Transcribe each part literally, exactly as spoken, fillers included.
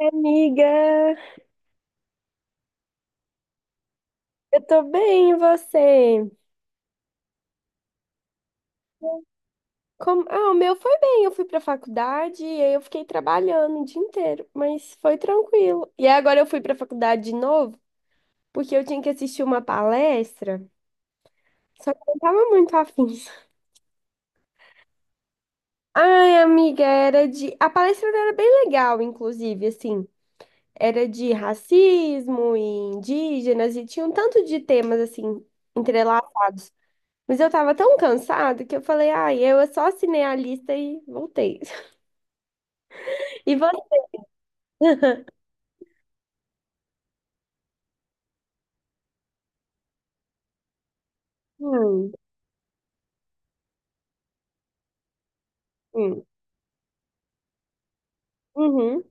Amiga, eu tô bem, e você? Como... Ah, o meu foi bem, eu fui pra faculdade e aí eu fiquei trabalhando o dia inteiro, mas foi tranquilo. E aí agora eu fui pra faculdade de novo, porque eu tinha que assistir uma palestra, só que eu não tava muito afim. Ai, amiga, era de... A palestra era bem legal, inclusive, assim, era de racismo e indígenas e tinha um tanto de temas, assim, entrelaçados. Mas eu tava tão cansada que eu falei, ai, eu só assinei a lista e voltei. E você? Hum, hum, uhum.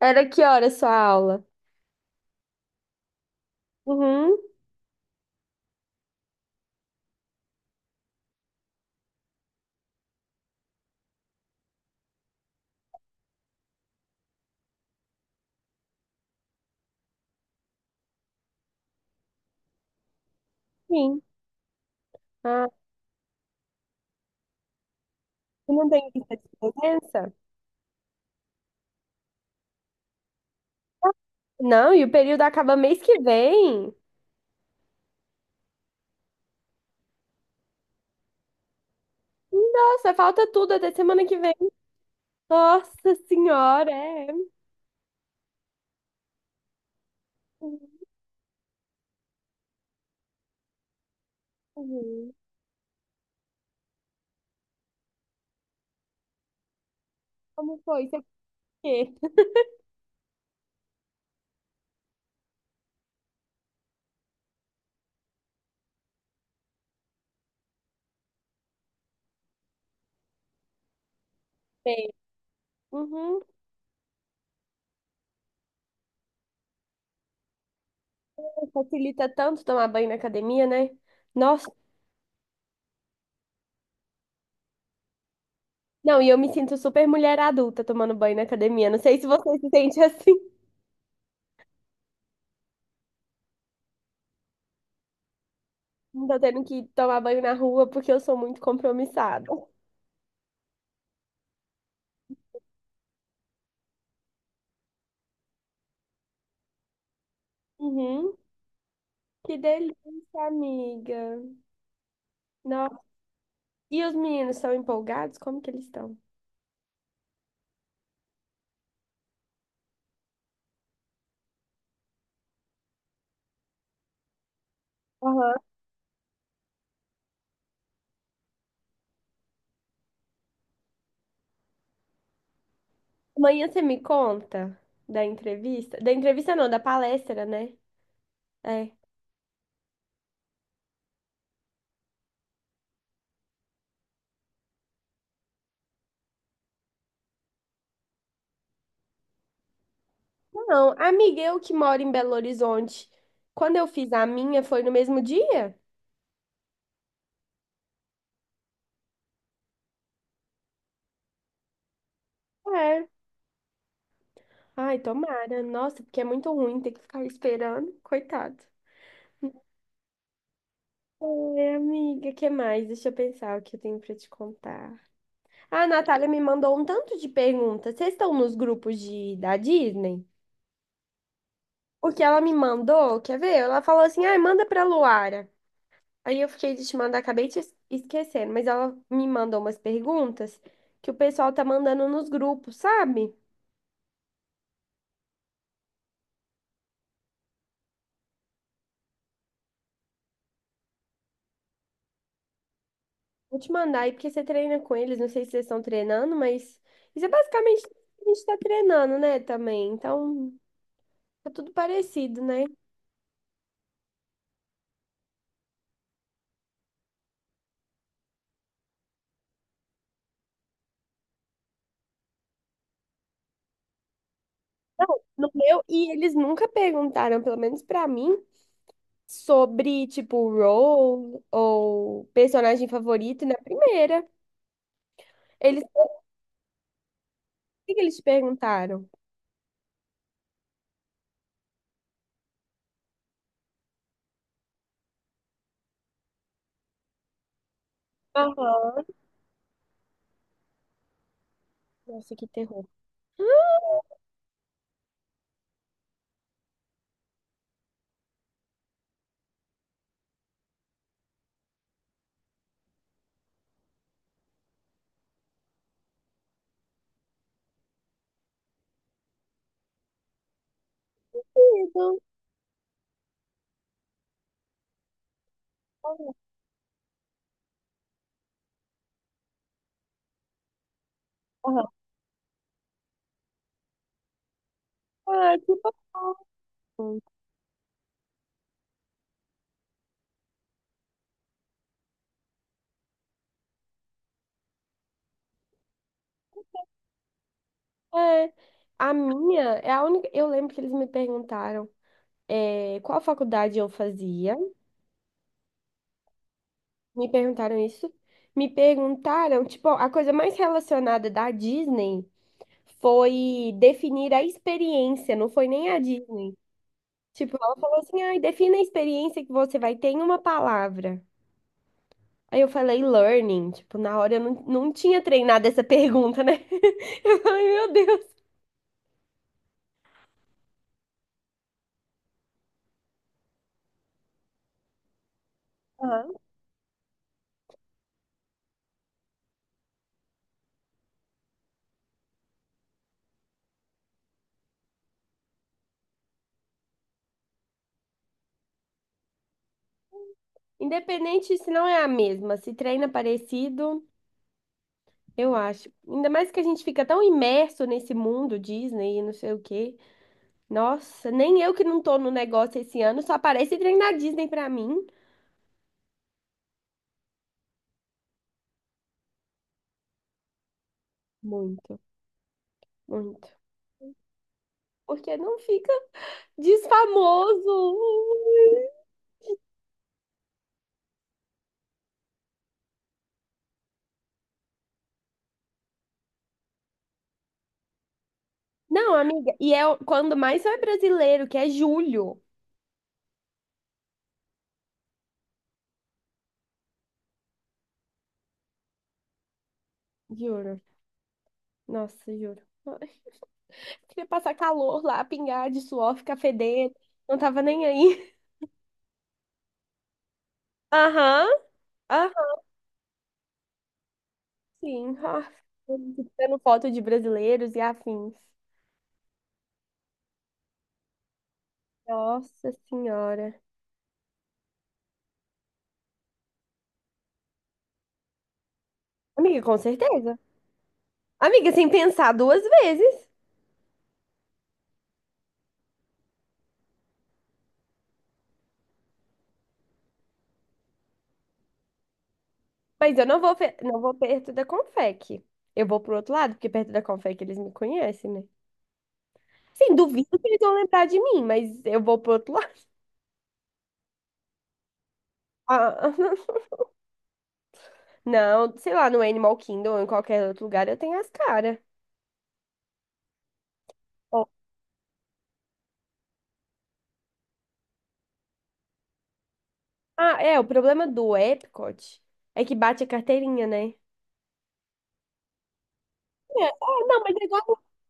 Era que hora a sua aula? Uhum, sim. Ah, e não tem lista de presença? Não, e o período acaba mês que vem? Nossa, falta tudo até semana que vem. Nossa senhora, é. Uhum. Como foi? Isso aqui? Bem, uhum. Facilita tanto tomar banho na academia, né? Nossa. Não, e eu me sinto super mulher adulta tomando banho na academia. Não sei se você se sente assim. Não tô tendo que tomar banho na rua porque eu sou muito compromissada. Uhum. Que delícia, amiga. Nossa. E os meninos são empolgados? Como que eles estão? Aham. Amanhã você me conta da entrevista? Da entrevista não, da palestra, né? É. Não, amiga, eu que moro em Belo Horizonte. Quando eu fiz a minha, foi no mesmo dia? É. Ai, tomara. Nossa, porque é muito ruim ter que ficar esperando. Coitado. Oi, amiga, que mais? Deixa eu pensar o que eu tenho pra te contar. A Natália me mandou um tanto de perguntas. Vocês estão nos grupos de, da Disney? O que ela me mandou, quer ver? Ela falou assim, ai, manda pra Luara. Aí eu fiquei de te mandar, acabei te es- esquecendo. Mas ela me mandou umas perguntas que o pessoal tá mandando nos grupos, sabe? Vou te mandar aí, porque você treina com eles, não sei se vocês estão treinando, mas isso é basicamente o que a gente tá treinando, né, também. Então, tá tudo parecido, né? Não, no meu, e eles nunca perguntaram, pelo menos pra mim, sobre, tipo, role ou personagem favorito na primeira. Eles, o que que eles te perguntaram? Aham. Nossa, que terror. Querido. Aham. Ah, que bom. É, a minha é a única. Eu lembro que eles me perguntaram. É, qual faculdade eu fazia. Me perguntaram isso. Me perguntaram, tipo, a coisa mais relacionada da Disney foi definir a experiência, não foi nem a Disney. Tipo, ela falou assim, ai, defina a experiência que você vai ter em uma palavra. Aí eu falei learning, tipo, na hora eu não, não tinha treinado essa pergunta, né? Eu falei, meu Deus. Aham. Independente se não é a mesma, se treina parecido, eu acho. Ainda mais que a gente fica tão imerso nesse mundo Disney e não sei o quê. Nossa, nem eu que não tô no negócio esse ano, só aparece trem na Disney pra mim. Muito, muito. Porque não fica desfamoso. Não, amiga, e é o- quando mais só é brasileiro, que é julho. Juro. Nossa, juro. Ai, queria passar calor lá, pingar de suor, ficar fedendo. Não tava nem aí. Aham. Sim, ah, tirando foto de brasileiros e afins. Nossa Senhora. Amiga, com certeza. Amiga, sem pensar duas vezes. Mas eu não vou, fe- não vou perto da Confec. Eu vou pro outro lado, porque perto da Confec eles me conhecem, né? Sim, duvido que eles vão lembrar de mim, mas eu vou pro outro lado. Ah, não, sei lá, no Animal Kingdom ou em qualquer outro lugar eu tenho as caras. Ó, ah, é, o problema do Epcot é que bate a carteirinha, né? É, ah, não, mas é igual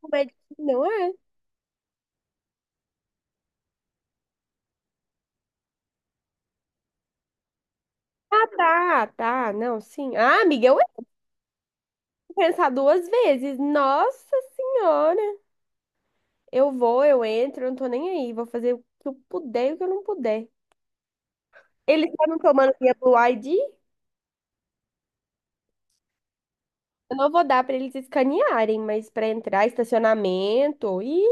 no Magic, não é? Ah, tá, tá, não, sim. Ah, amiga, eu entro pensar duas vezes. Nossa Senhora. Eu vou, eu entro, eu não tô nem aí. Vou fazer o que eu puder e o que eu não puder. Eles estavam tomando minha Blue I D? Eu não vou dar pra eles escanearem, mas pra entrar, estacionamento. Ih,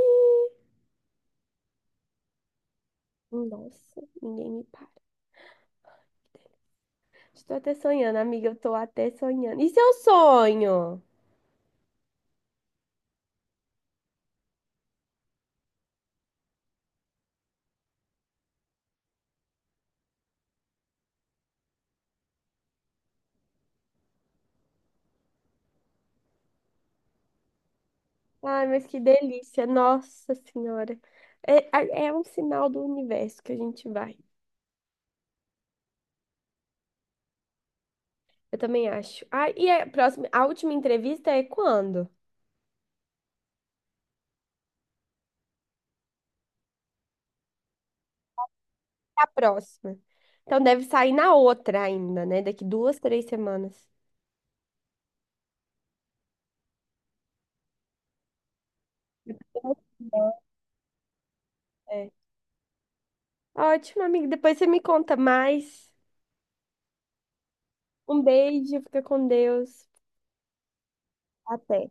nossa, ninguém me para. Estou até sonhando, amiga, eu tô até sonhando. Isso é um sonho. Ai, mas que delícia, nossa senhora. É, é é um sinal do universo que a gente vai. Eu também acho. Ah, e a próxima, a última entrevista é quando? É a próxima. Então deve sair na outra ainda, né? Daqui duas, três semanas. É. Ótimo, amigo. Depois você me conta mais. Um beijo, fica com Deus. Até.